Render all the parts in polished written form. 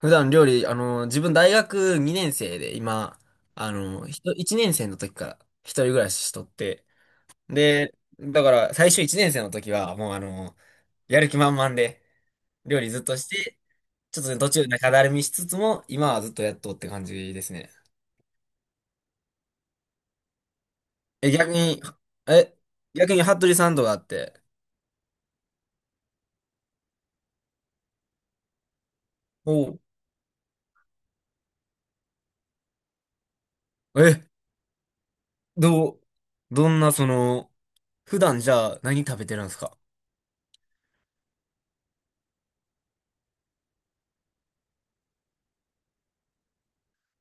普段料理、自分大学2年生で、今、1年生の時から一人暮らししとって、で、だから最初1年生の時は、もう、やる気満々で、料理ずっとして、ちょっとね途中中だるみしつつも、今はずっとやっとって感じですね。え、逆に、え、逆に服部さんとかあって、おう。え、どう、どんな普段じゃあ何食べてるんですか？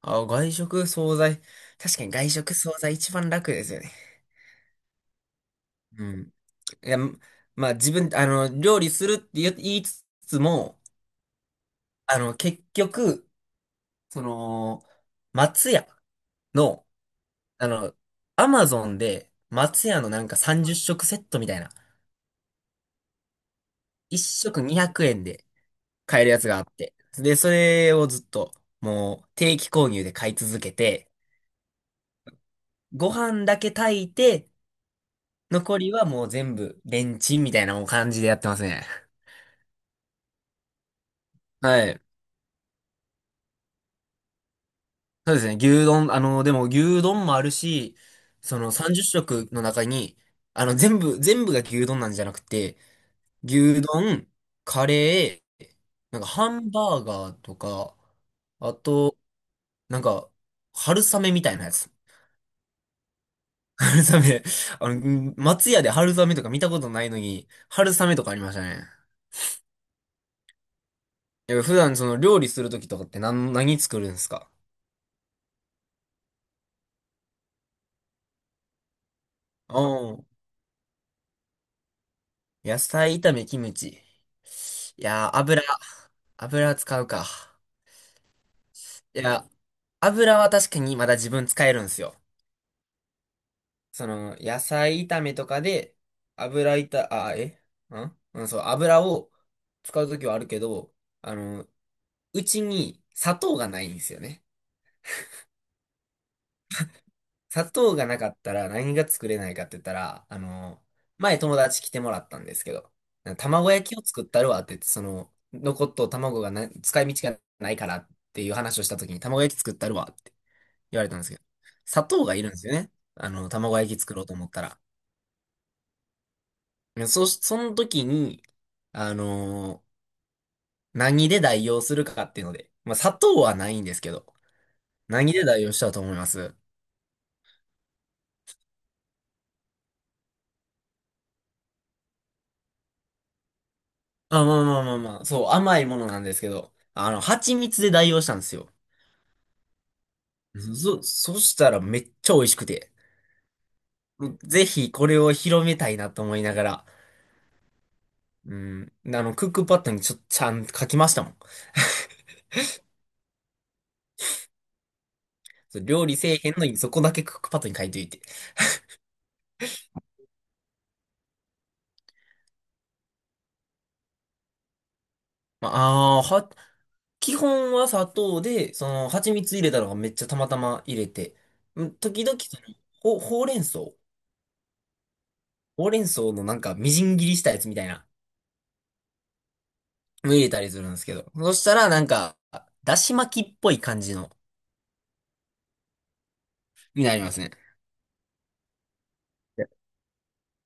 あ、外食、惣菜。確かに外食、惣菜一番楽ですよね。うん。いや、まあ自分、料理するって言いつつも、結局、その、松屋の、あの、アマゾンで松屋のなんか30食セットみたいな、1食200円で買えるやつがあって、で、それをずっと、もう定期購入で買い続けて、ご飯だけ炊いて、残りはもう全部レンチンみたいなもう感じでやってますね。はい。そうですね。牛丼、でも牛丼もあるし、はい。30食の中に、全部が牛丼なんじゃなくて、牛丼、カレー、なんかハンバーガーとか、あと、なんか、春雨みたいなやつ。春雨。うん、松屋で春雨とか見たことないのに、春雨とかありましたね。いや、普段料理するときとかって何作るんですか？うん。野菜炒め、キムチ。いやー、油使うか。いや、油は確かにまだ自分使えるんですよ。野菜炒めとかで、油炒、あ、えんうん、そう、油を使うときはあるけど、あの、うちに砂糖がないんですよね。砂糖がなかったら何が作れないかって言ったら、前友達来てもらったんですけど、卵焼きを作ったるわって言って、残っとう卵がな、使い道がないからっていう話をしたときに、卵焼き作ったるわって言われたんですけど、砂糖がいるんですよね。卵焼き作ろうと思ったら。その時に、あのー何で代用するかっていうので、まあ、砂糖はないんですけど、何で代用したと思います？あ、まあまあまあまあ、そう、甘いものなんですけど、蜂蜜で代用したんですよ。そしたらめっちゃ美味しくて、ぜひこれを広めたいなと思いながら、うん、クックパッドにちゃんと書きましたもん。そう、料理せえへんのにそこだけクックパッドに書いといて。まあ、あーは、基本は砂糖で、蜂蜜入れたのがめっちゃたまたま入れて、うん、時々ほうれん草のなんかみじん切りしたやつみたいなの入れたりするんですけど、そしたらなんか、だし巻きっぽい感じの、になりますね。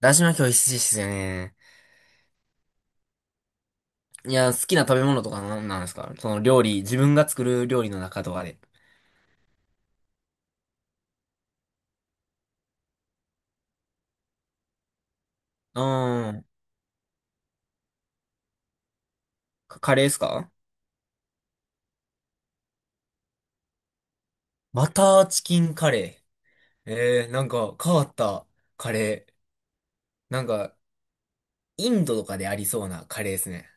だし巻き美味しいですよね。いや、好きな食べ物とかなんなんですか？その料理、自分が作る料理の中とかで。うーん。カレーですか？バターチキンカレー。なんか変わったカレー。なんか、インドとかでありそうなカレーですね。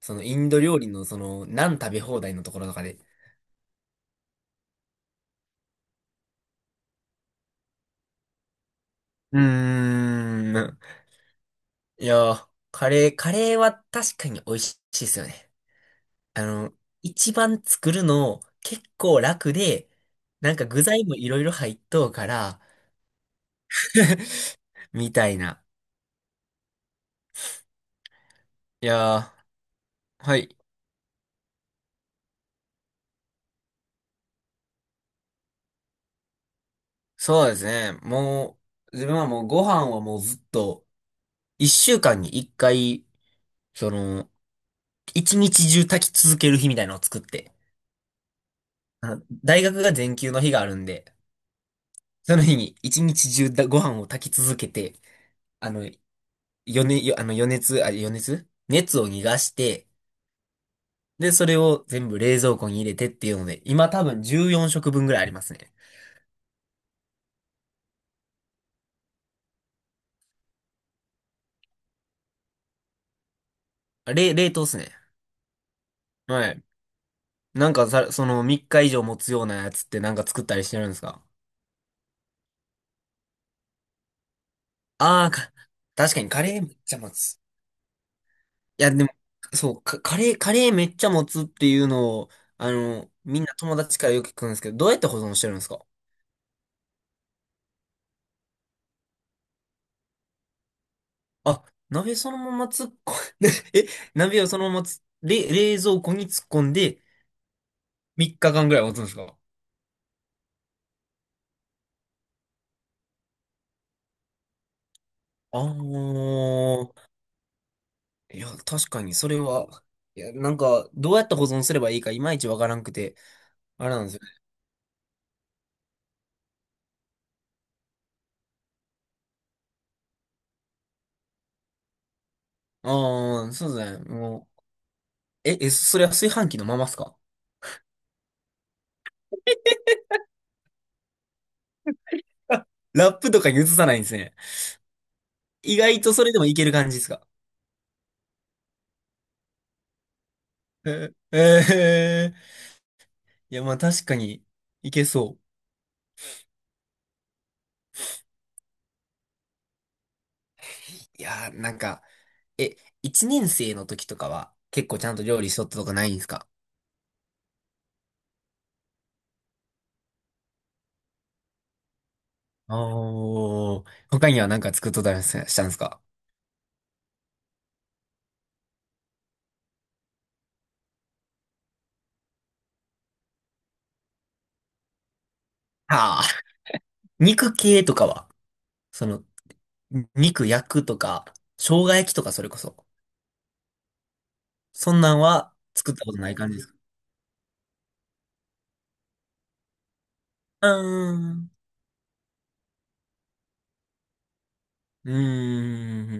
そのインド料理のナン食べ放題のところとかで。うーん。いやー、カレーは確かに美味しいですよね。あの、一番作るの結構楽で、なんか具材もいろいろ入っとうから、みたいな。いやー、はい。そうですね。もう、自分はもうご飯はもうずっと、一週間に一回、その、一日中炊き続ける日みたいなのを作って、大学が全休の日があるんで、その日に一日中ご飯を炊き続けて、あの、余熱、よあの余熱、余熱を逃がして、で、それを全部冷蔵庫に入れてっていうので、今多分14食分ぐらいありますね。あれ、冷凍っすね。はい。なんかさ、3日以上持つようなやつってなんか作ったりしてるんですか？ああー、確かにカレーめっちゃ持つ。いや、でも、そう、カレーめっちゃ持つっていうのを、みんな友達からよく聞くんですけど、どうやって保存してるんですか？あ、鍋そのまま突っ込んで え、鍋をそのまま冷蔵庫に突っ込んで、3日間ぐらい持つんですか？ああー、いや、確かに、それは、いや、なんか、どうやって保存すればいいか、いまいちわからんくて、あれなんですよね。ああ、そうですね、もう、それは炊飯器のままっすか？ラップとかに移さないんですね。意外とそれでもいける感じですか？ え、ええいや、まあ確かに、いけそう。いやー、なんか、え、一年生の時とかは、結構ちゃんと料理しとったとかないんですか？おー、他には何か作っとったりしたんですか？はあ、肉系とかは、その、肉焼くとか、生姜焼きとかそれこそ。そんなんは作ったことない感じですか？うーん。うー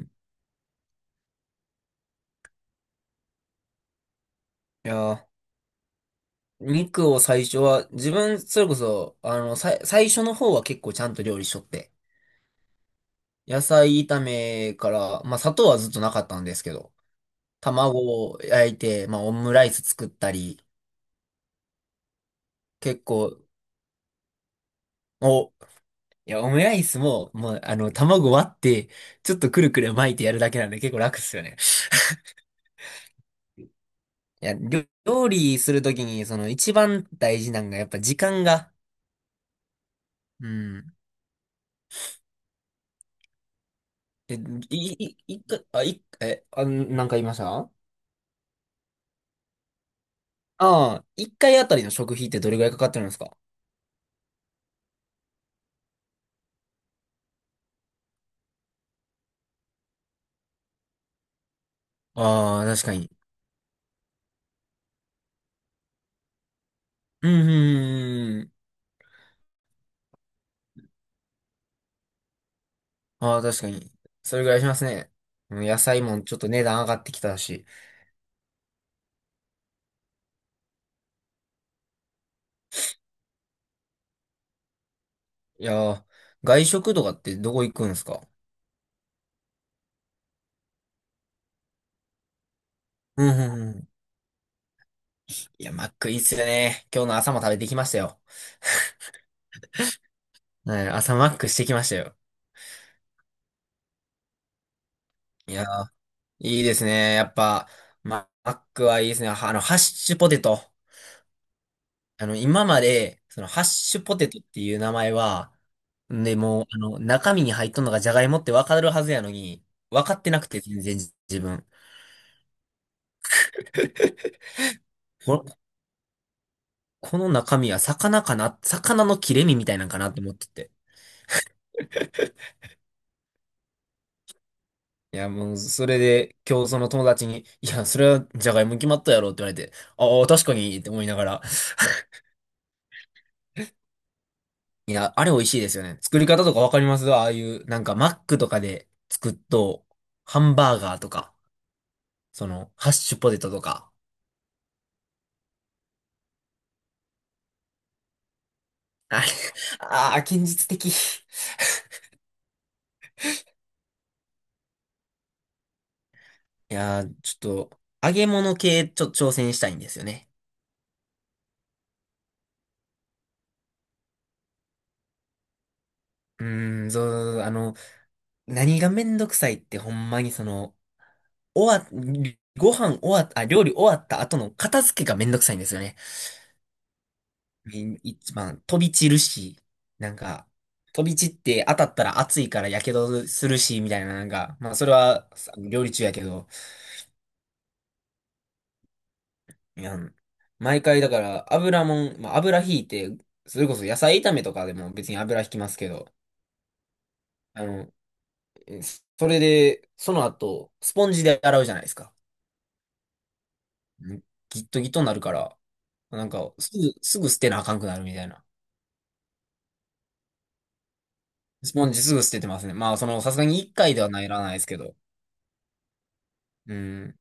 ん。いやー、肉を最初は、自分、それこそ、最初の方は結構ちゃんと料理しとって。野菜炒めから、まあ砂糖はずっとなかったんですけど、卵を焼いて、まあオムライス作ったり、結構、お、いや、オムライスも、もう、卵割って、ちょっとくるくる巻いてやるだけなんで結構楽っすよね。いや、料理するときに、その一番大事なのがやっぱ時間が、うん。で、い、い、い、一回あ、い、え、あ、なんか言いましたあ？あ、一回あたりの食費ってどれぐらいかかってるんですか？ああー、確かに。うん、うんうんうん、ああ、確かに。それぐらいしますね。うん、野菜もちょっと値段上がってきたし。いやー、外食とかってどこ行くんですか？うんうんうん。いや、マックいいっすよね。今日の朝も食べてきましたよ。はい、朝マックしてきましたよ。いやー、いいですね。やっぱ、マックはいいですね。はあの、ハッシュポテト。今まで、ハッシュポテトっていう名前は、で、もう、中身に入っとんのがジャガイモってわかるはずやのに、分かってなくて、全然自分。ここの中身は魚かな、魚の切れ身みたいなんかなって思ってて。いや、もう、それで、今日その友達に、いや、それはじゃがいも決まったやろって言われて、ああ、確かにって思いながら。いや、あれ美味しいですよね。作り方とかわかります？ああいう、なんかマックとかで作っと、ハンバーガーとか、ハッシュポテトとか。あれ、ああ、現実的。いやー、ちょっと、揚げ物系、ちょっと挑戦したいんですよね。うーん、そう、何がめんどくさいってほんまにその、終わ、ご飯終わっあ、料理終わった後の片付けがめんどくさいんですよね。一番飛び散るし、なんか、飛び散って当たったら熱いから火傷するし、みたいな、なんか、まあそれはさ料理中やけど、いや、毎回だから油もん、まあ、油引いて、それこそ野菜炒めとかでも別に油引きますけど、あの、えそれで、その後、スポンジで洗うじゃないですか。んギットギットになるから、なんか、すぐ捨てなあかんくなるみたいな。スポンジすぐ捨ててますね。まあ、さすがに1回ではならないですけど。うん。